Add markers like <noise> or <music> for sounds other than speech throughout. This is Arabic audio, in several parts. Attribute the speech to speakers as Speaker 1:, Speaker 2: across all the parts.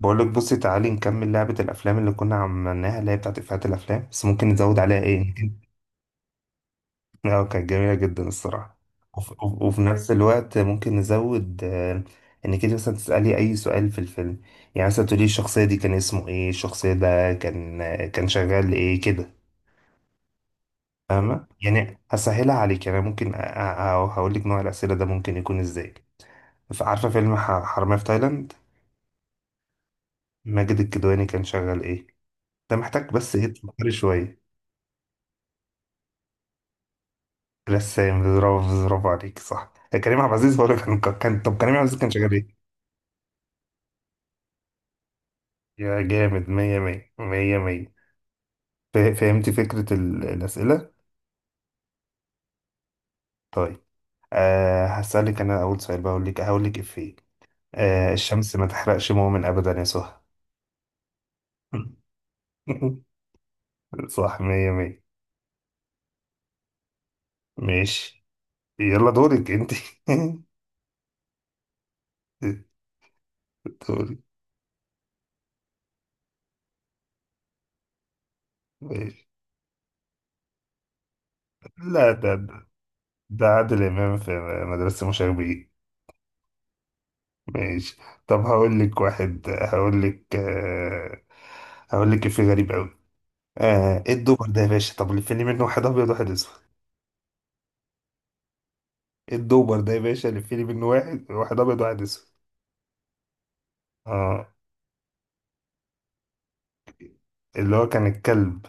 Speaker 1: بقولك بصي تعالي نكمل لعبة الأفلام اللي كنا عملناها اللي هي بتاعت إفيهات الأفلام، بس ممكن نزود عليها إيه؟ <laughs> آه، كانت جميلة جدا الصراحة. وفي نفس الوقت ممكن نزود، إنك أنت مثلا تسألي أي سؤال في الفيلم. يعني مثلا تقولي الشخصية دي كان اسمه إيه؟ الشخصية ده كان كان شغال إيه كده، فاهمة؟ يعني هسهلها عليك، يعني ممكن هقول لك نوع الأسئلة ده ممكن يكون إزاي. عارفة فيلم حرامية في تايلاند؟ ماجد الكدواني كان شغال إيه؟ ده محتاج بس إيه، تفكري شوية. رسام، برافو، برافو عليك، صح. كريم عبد العزيز هو اللي كان كان طب كريم عبد العزيز كان شغال ايه؟ يا جامد، مية مية مية مية. فهمت فكرة الأسئلة؟ طيب. هسألك أنا أول سؤال، بقول لك هقول لك إفيه. الشمس ما تحرقش مؤمن أبدا يا سهى. <laughs> صح، مية مية. ماشي، يلا دورك أنت. <laughs> دورك. ماشي. لا، ده، ده عادل إمام في مدرسة مشاغبين. ماشي. طب هقول لك في غريب قوي. ايه الدوبر ده يا باشا، طب لف لي منه واحد ابيض واحد اسود. ايه الدوبر ده يا باشا، لف لي منه واحد ابيض واحد اسود. اه، اللي هو كان الكلب.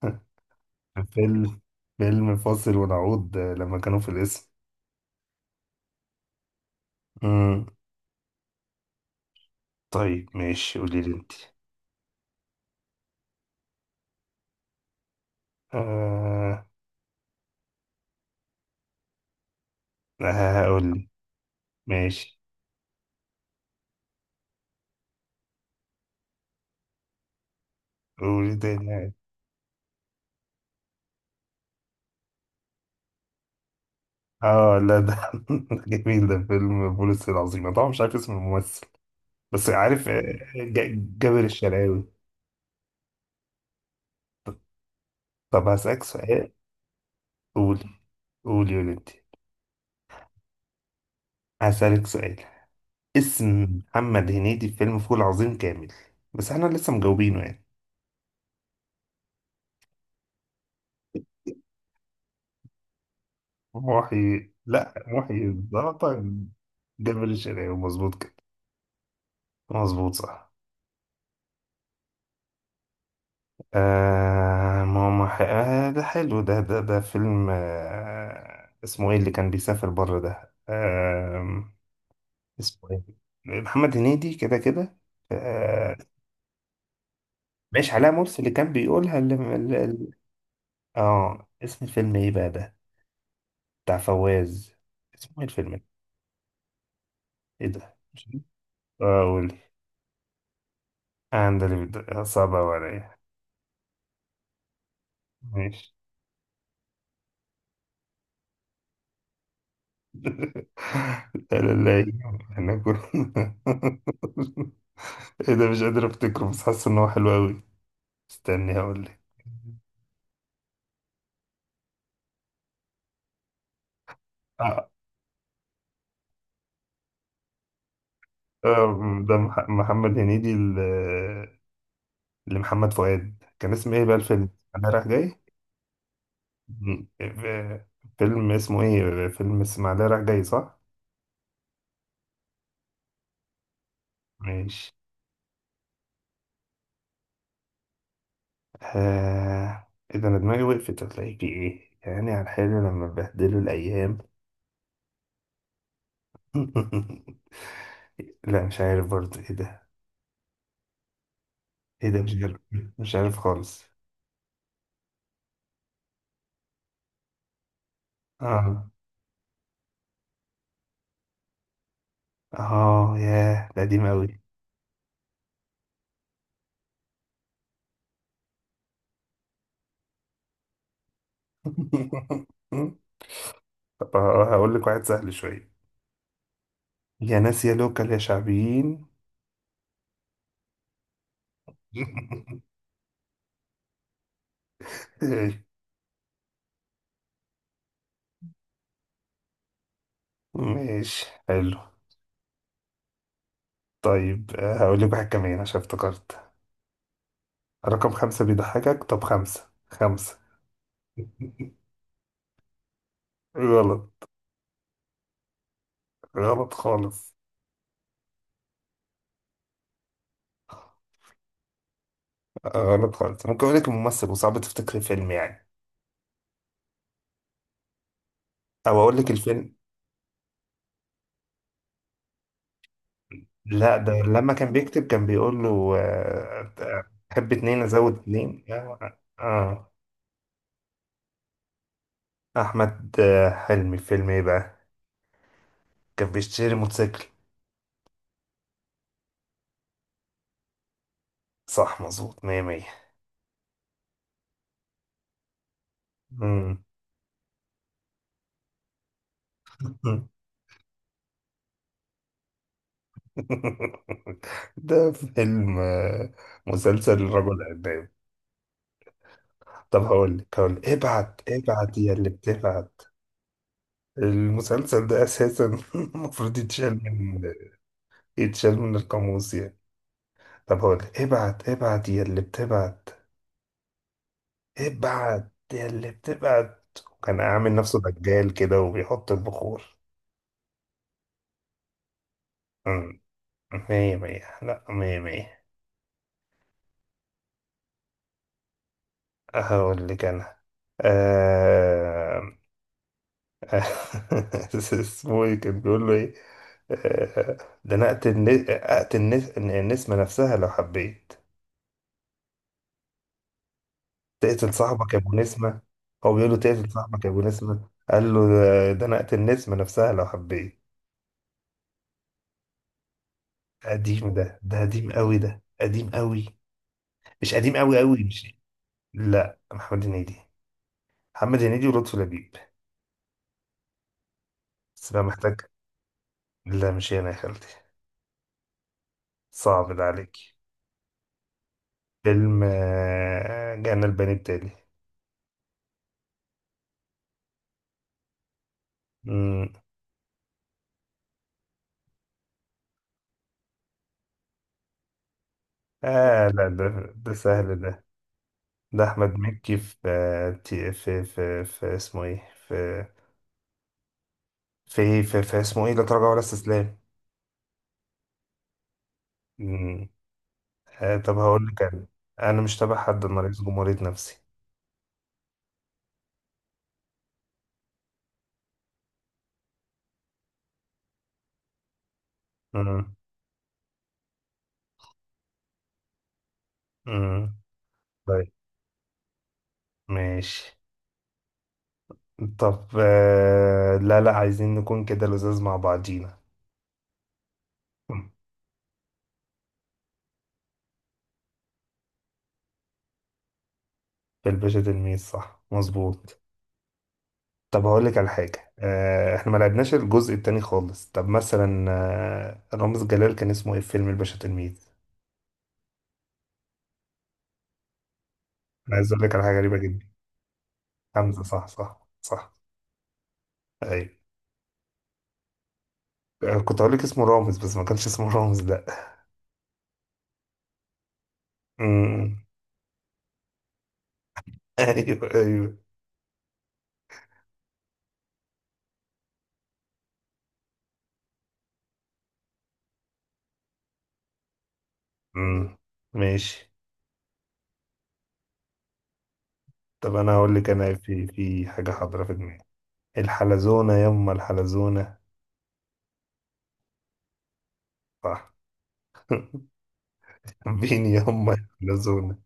Speaker 1: <laughs> فيلم فيلم فاصل ونعود، لما كانوا في الاسم. مم. طيب، ماشي، قولي لي انت. آه هقول لي، ماشي. قولي تاني. اه، لا ده <laughs> ده جميل، ده فيلم بوليس العظيم، أنا طبعا مش عارف اسم الممثل، بس عارف، جابر الشرقاوي. طب هسألك سؤال. قول. قول يا انت. هسألك سؤال، اسم محمد هنيدي في فيلم فول عظيم كامل. بس احنا لسه مجاوبينه يعني. لا، محي الزعتر. جابر الشرقاوي، مظبوط كده. مظبوط، صح. آه ماما ح... آه ده حلو، ده فيلم، اسمه ايه اللي كان بيسافر بره ده، اسمه ايه؟ محمد هنيدي كده كده، آه ماشي، علاء مرسي اللي كان بيقولها اه، اسم الفيلم ايه بقى ده؟ بتاع فواز. اسمه ايه الفيلم ده؟ ايه ده، مش عارف. اه، قولي. عندي. صعب أوي عليا. ماشي. <laughs> لا، لا، لا، احنا كنا <laughs> ايه ده، مش قادر افتكره، بس حاسس ان هو حلو قوي. استني، هقول لك. آه، ده محمد هنيدي لمحمد فؤاد، كان اسمه ايه بقى الفيلم؟ اسماعيليه رايح جاي. م- آه، فيلم اسمه ايه؟ فيلم اسماعيليه رايح جاي، صح. ماشي. آه... ايه ده، انا دماغي وقفت، هتلاقي في ايه يعني على الحلو لما بهدله الايام. <laughs> لا، مش عارف برضه، ايه ده؟ ايه ده، مش عارف. مش عارف خالص. اه، اه، ياه، ده قديم قوي. <laughs> طب هقول لك واحد سهل شوية، يا ناس يا لوكال يا شعبيين. <laughs> ماشي، حلو. طيب، هقول لك واحد كمان عشان افتكرت، رقم خمسة بيضحكك. طب خمسة، خمسة. <laughs> غلط، غلط خالص. غلط خالص. ممكن اقول لك الممثل وصعب تفتكري فيلم يعني، او اقول لك الفيلم. لا، ده لما كان بيكتب، كان بيقول له تحب اتنين، ازود اتنين، اه، احمد، حلمي، فيلم ايه بقى؟ كان بيشتري موتوسيكل. صح، مظبوط، مية مية. مم. <laughs> ده فيلم، مسلسل رجل عناب. طب هقول لك ابعت ابعت يا اللي بتبعت. المسلسل ده اساسا <laughs> المفروض يتشال من القاموس يعني. طب هقول لك، ابعت ابعت يا اللي بتبعت. ابعت يا اللي بتبعت. وكان عامل نفسه دجال كده وبيحط البخور. مم. مية مية، لا، مية مية. هقول لك انا. آه... <laughs> اسمه ايه كان بيقول له ايه، آه... ده انا اقتل النسمة نفسها لو حبيت. تقتل صاحبك يا ابو نسمة. هو بيقول له تقتل صاحبك يا ابو نسمة، قال له ده انا اقتل النسمة نفسها لو حبيت. قديم ده، قديم قوي، مش قديم قوي قوي مش. لا، محمد هنيدي، محمد هنيدي ولطفي لبيب، بس بقى محتاج. لا مش هنا يا خالتي، صعب ده عليك. فيلم، جانا البني التالي. مم. آه، لا، ده سهل ده، ده أحمد مكي في، في اسمه إيه، في اسمه إيه، لا تراجع ولا استسلام. مم. طب هقول لك أنا، أنا مش تابع حد، أنا رئيس جمهورية نفسي. مم. مم. طيب. ماشي. طب، لا لا، عايزين نكون كده لزاز مع بعضينا. مم. في الباشا تلميذ، صح مظبوط. طب هقول لك على حاجة، احنا ما لعبناش الجزء التاني خالص، طب مثلا، رامز جلال كان اسمه ايه في فيلم الباشا تلميذ؟ انا عايز اقول لك على حاجة غريبة جدا. حمزة، صح صح صح. ايوه. كنت هقول لك اسمه رامز، بس ما كانش اسمه رامز، لا <laughs> أمم، ايوه ايوه. أمم، ماشي. طب انا هقول لك، انا في حاجة حاضرة في دماغي، الحلزونة يما الحلزونة. صح. <laughs> مين يما الحلزونة.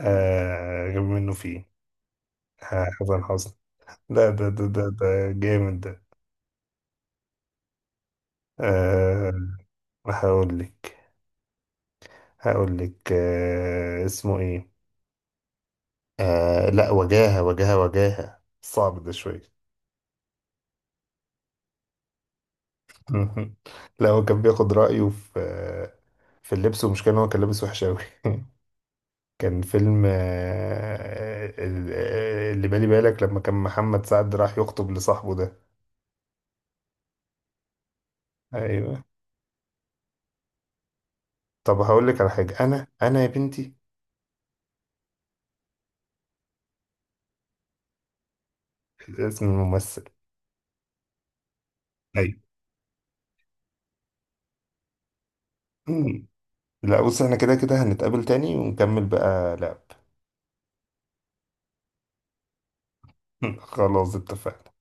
Speaker 1: آه، غير منه فيه. حسن حسني. لا، ده جامد ده. أه. هقول لك هقول لك اسمه ايه، لا، وجاهة، وجاهة، وجاهة، صعب ده شوية. <laughs> لا هو كان بياخد رأيه في اللبس، ومش كان، هو كان لابس وحش أوي. <laughs> كان فيلم، أه ال- آه، اللي بالي بالك لما كان محمد سعد راح يخطب لصاحبه ده. ايوه. طب هقول لك على حاجة، انا يا بنتي. اسم الممثل. ايوه. <laughs> لا بص، احنا كده كده هنتقابل تاني ونكمل بقى لعب. <laughs> خلاص، اتفقنا.